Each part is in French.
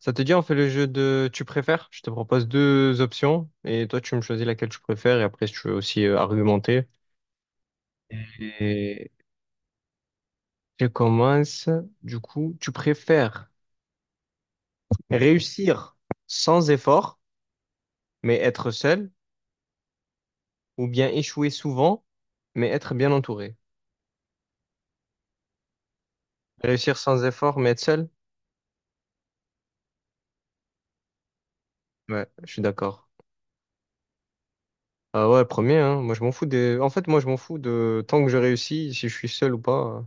Ça te dit, on fait le jeu de tu préfères? Je te propose deux options et toi, tu me choisis laquelle tu préfères et après, si tu veux aussi argumenter. Et je commence. Du coup, tu préfères réussir sans effort, mais être seul, ou bien échouer souvent, mais être bien entouré? Réussir sans effort, mais être seul? Ouais, je suis d'accord. Ah ouais, premier, hein. Moi, je m'en fous En fait, moi, je m'en fous de tant que je réussis, si je suis seul ou pas.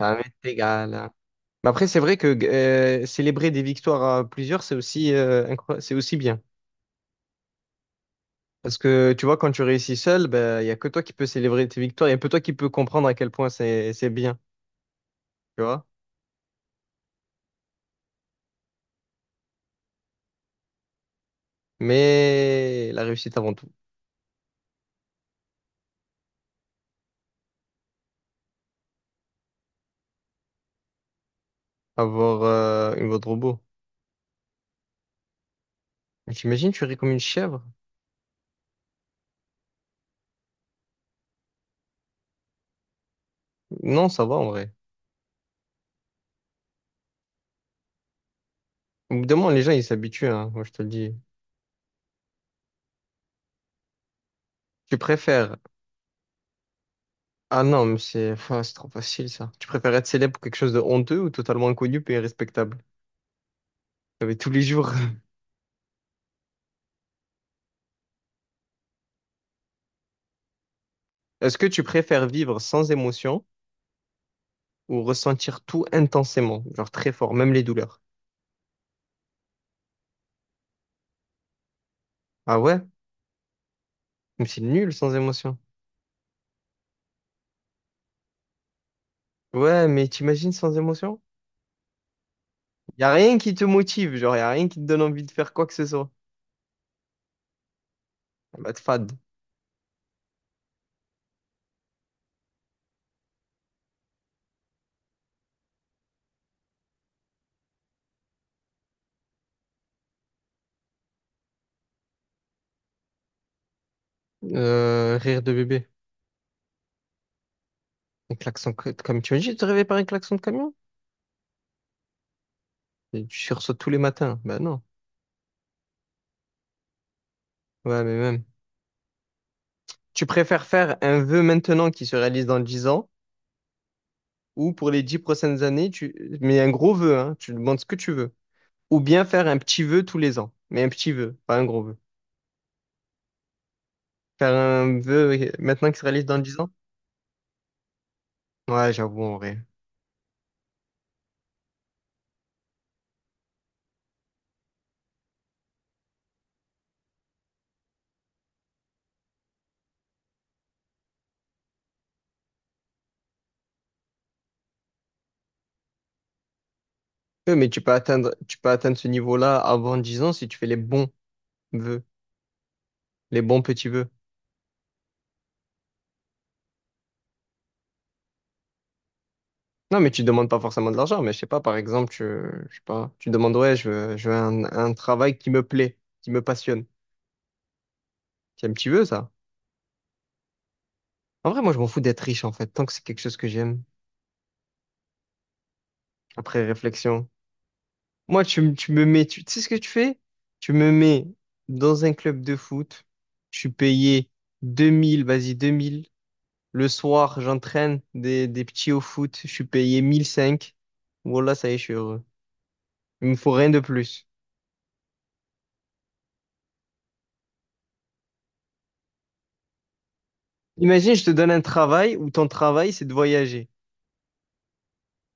Ça m'est égal, hein. Mais après, c'est vrai que célébrer des victoires à plusieurs, c'est aussi, c'est aussi bien. Parce que tu vois, quand tu réussis seul, ben, il n'y a que toi qui peux célébrer tes victoires, il n'y a que toi qui peux comprendre à quel point c'est bien, tu vois. Mais la réussite avant tout, avoir une voix de robot. Mais t'imagines, tu ris comme une chèvre? Non, ça va en vrai. Au bout d'un moment, les gens, ils s'habituent, hein, moi je te le dis. Tu préfères. Ah non, mais c'est enfin, c'est trop facile ça. Tu préfères être célèbre pour quelque chose de honteux ou totalement inconnu et respectable? Mais tous les jours. Est-ce que tu préfères vivre sans émotion ou ressentir tout intensément, genre très fort, même les douleurs? Ah ouais? Mais c'est nul sans émotion. Ouais, mais t'imagines sans émotion? Y a rien qui te motive, genre y a rien qui te donne envie de faire quoi que ce soit. Ah, bah, te fade. Rire de bébé. Comme tu imagines te réveiller par un klaxon de camion? Et tu sursautes tous les matins. Bah non. Ouais, mais même. Tu préfères faire un vœu maintenant qui se réalise dans 10 ans ou pour les 10 prochaines années, tu mais un gros vœu, hein, tu demandes ce que tu veux. Ou bien faire un petit vœu tous les ans. Mais un petit vœu, pas un gros vœu. Faire un vœu maintenant qui se réalise dans 10 ans? Ouais, j'avoue, en vrai. Ouais, mais tu peux atteindre ce niveau-là avant 10 ans si tu fais les bons vœux, les bons petits vœux. Non, mais tu demandes pas forcément de l'argent, mais je sais pas, par exemple, je sais pas, tu demandes, ouais, je veux un travail qui me plaît, qui me passionne. C'est un petit vœu, ça. En vrai, moi, je m'en fous d'être riche, en fait, tant que c'est quelque chose que j'aime. Après réflexion. Moi, tu me mets, tu sais ce que tu fais? Tu me mets dans un club de foot, je suis payé 2000, vas-y, 2000. Le soir, j'entraîne des petits au foot, je suis payé mille cinq. Voilà, ça y est, je suis heureux. Il me faut rien de plus. Imagine, je te donne un travail où ton travail, c'est de voyager,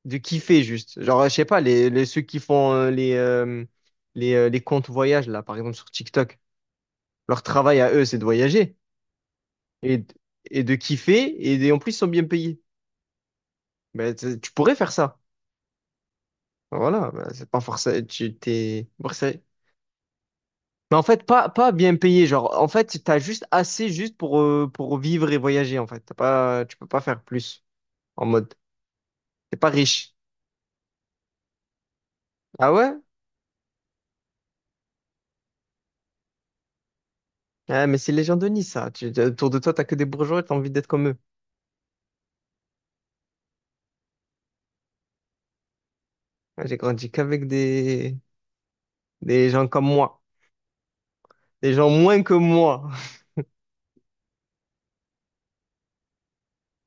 de kiffer juste. Genre, je sais pas, ceux qui font les comptes voyage, là, par exemple, sur TikTok, leur travail à eux, c'est de voyager et, et de kiffer, et en plus, ils sont bien payés. Mais tu pourrais faire ça. Enfin, voilà, bah, c'est pas forcément. Mais en fait, pas bien payé. Genre, en fait, t'as juste assez juste pour vivre et voyager, en fait. T'as pas, Tu peux pas faire plus. En mode, t'es pas riche. Ah ouais? Ah, mais c'est les gens de Nice, ça. Autour de toi, t'as que des bourgeois et t'as envie d'être comme eux. Ah, j'ai grandi qu'avec des gens comme moi. Des gens moins que moi.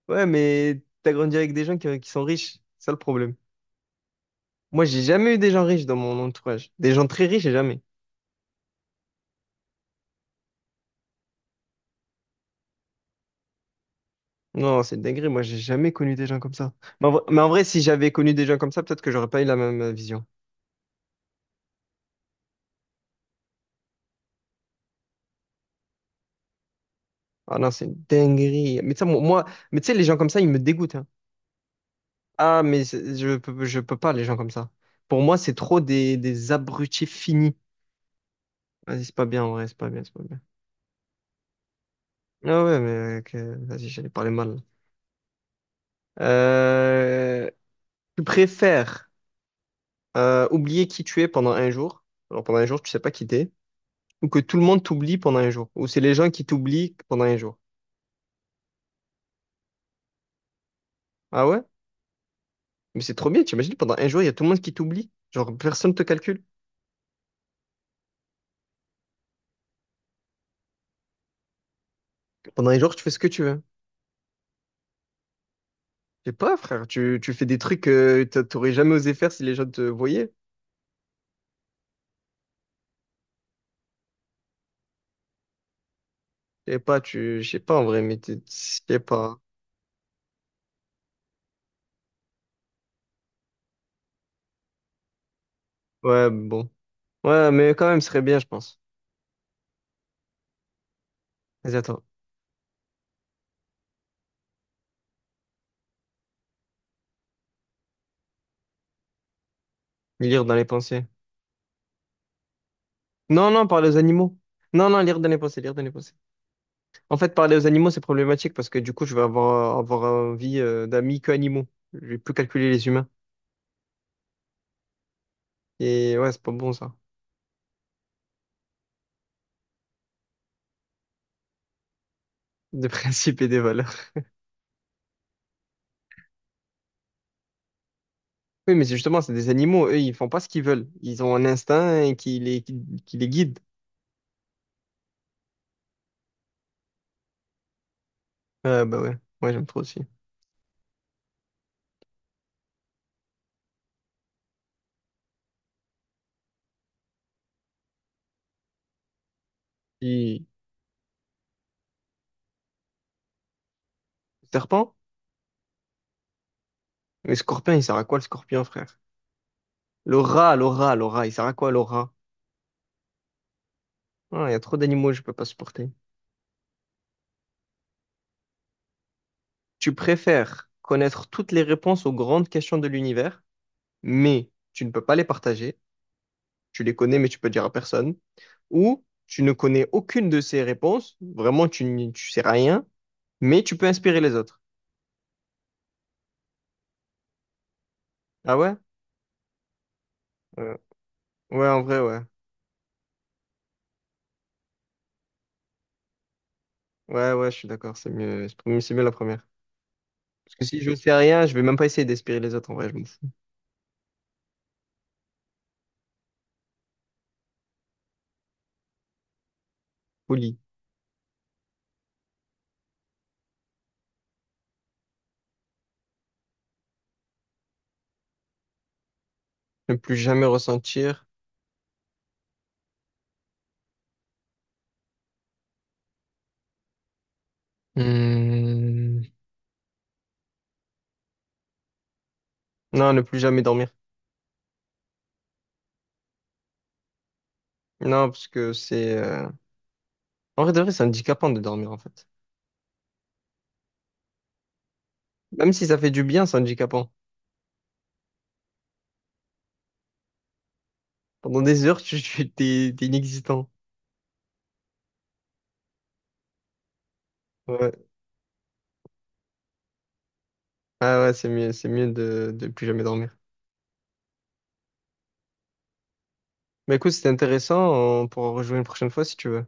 Ouais, mais t'as grandi avec des gens qui sont riches. C'est ça le problème. Moi, j'ai jamais eu des gens riches dans mon entourage. Des gens très riches, j'ai jamais. Non, c'est une dinguerie. Moi, j'ai jamais connu des gens comme ça. Mais en vrai, si j'avais connu des gens comme ça, peut-être que j'aurais pas eu la même vision. Ah non, c'est une dinguerie. Mais tu sais, mais tu sais, les gens comme ça, ils me dégoûtent, hein. Ah, je peux pas, les gens comme ça. Pour moi, c'est trop des abrutis finis. Vas-y, c'est pas bien, en vrai, c'est pas bien, c'est pas bien. Ah ouais, mais vas-y, j'allais parler mal, là. Euh, Tu préfères oublier qui tu es pendant un jour, alors pendant un jour, tu sais pas qui t'es, ou que tout le monde t'oublie pendant un jour, ou c'est les gens qui t'oublient pendant un jour. Ah ouais? Mais c'est trop bien, t'imagines, pendant un jour, il y a tout le monde qui t'oublie. Genre, personne te calcule. Pendant un jour, tu fais ce que tu veux. Je sais pas, frère, tu fais des trucs que t'aurais jamais osé faire si les gens te voyaient. Je sais pas, je sais pas en vrai, je sais pas. Ouais, bon. Ouais, mais quand même, ce serait bien, je pense. Vas-y, attends. Lire dans les pensées. Non, non, parler aux animaux. Non, non, lire dans les pensées, lire dans les pensées. En fait, parler aux animaux, c'est problématique parce que du coup, je vais avoir envie d'amis que animaux. Je vais plus calculer les humains. Et ouais, c'est pas bon, ça. Des principes et des valeurs. Oui, mais c'est justement, c'est des animaux, eux, ils font pas ce qu'ils veulent. Ils ont un instinct et qui les guide. Ah bah ouais, moi j'aime trop aussi. Puis, serpent? Mais scorpion, il sert à quoi le scorpion, frère? Le rat, il sert à quoi le rat? Ah, il y a trop d'animaux, que je peux pas supporter. Tu préfères connaître toutes les réponses aux grandes questions de l'univers, mais tu ne peux pas les partager. Tu les connais, mais tu peux dire à personne. Ou tu ne connais aucune de ces réponses, vraiment, tu sais rien, mais tu peux inspirer les autres. Ah ouais? Euh, Ouais, en vrai, ouais. Ouais, ouais, je suis d'accord, c'est mieux. C'est mieux la première. Parce que si je sais rien, je vais même pas essayer d'espérer les autres, en vrai, je m'en fous. Folie. Ne plus jamais ressentir. Hmm. Non, ne plus jamais dormir. Non, parce que en vrai, de vrai, c'est handicapant de dormir, en fait. Même si ça fait du bien, c'est handicapant. Pendant des heures, t'es inexistant. Ouais. Ah ouais, c'est mieux de plus jamais dormir. Mais écoute, c'était intéressant, on pourra rejouer une prochaine fois si tu veux.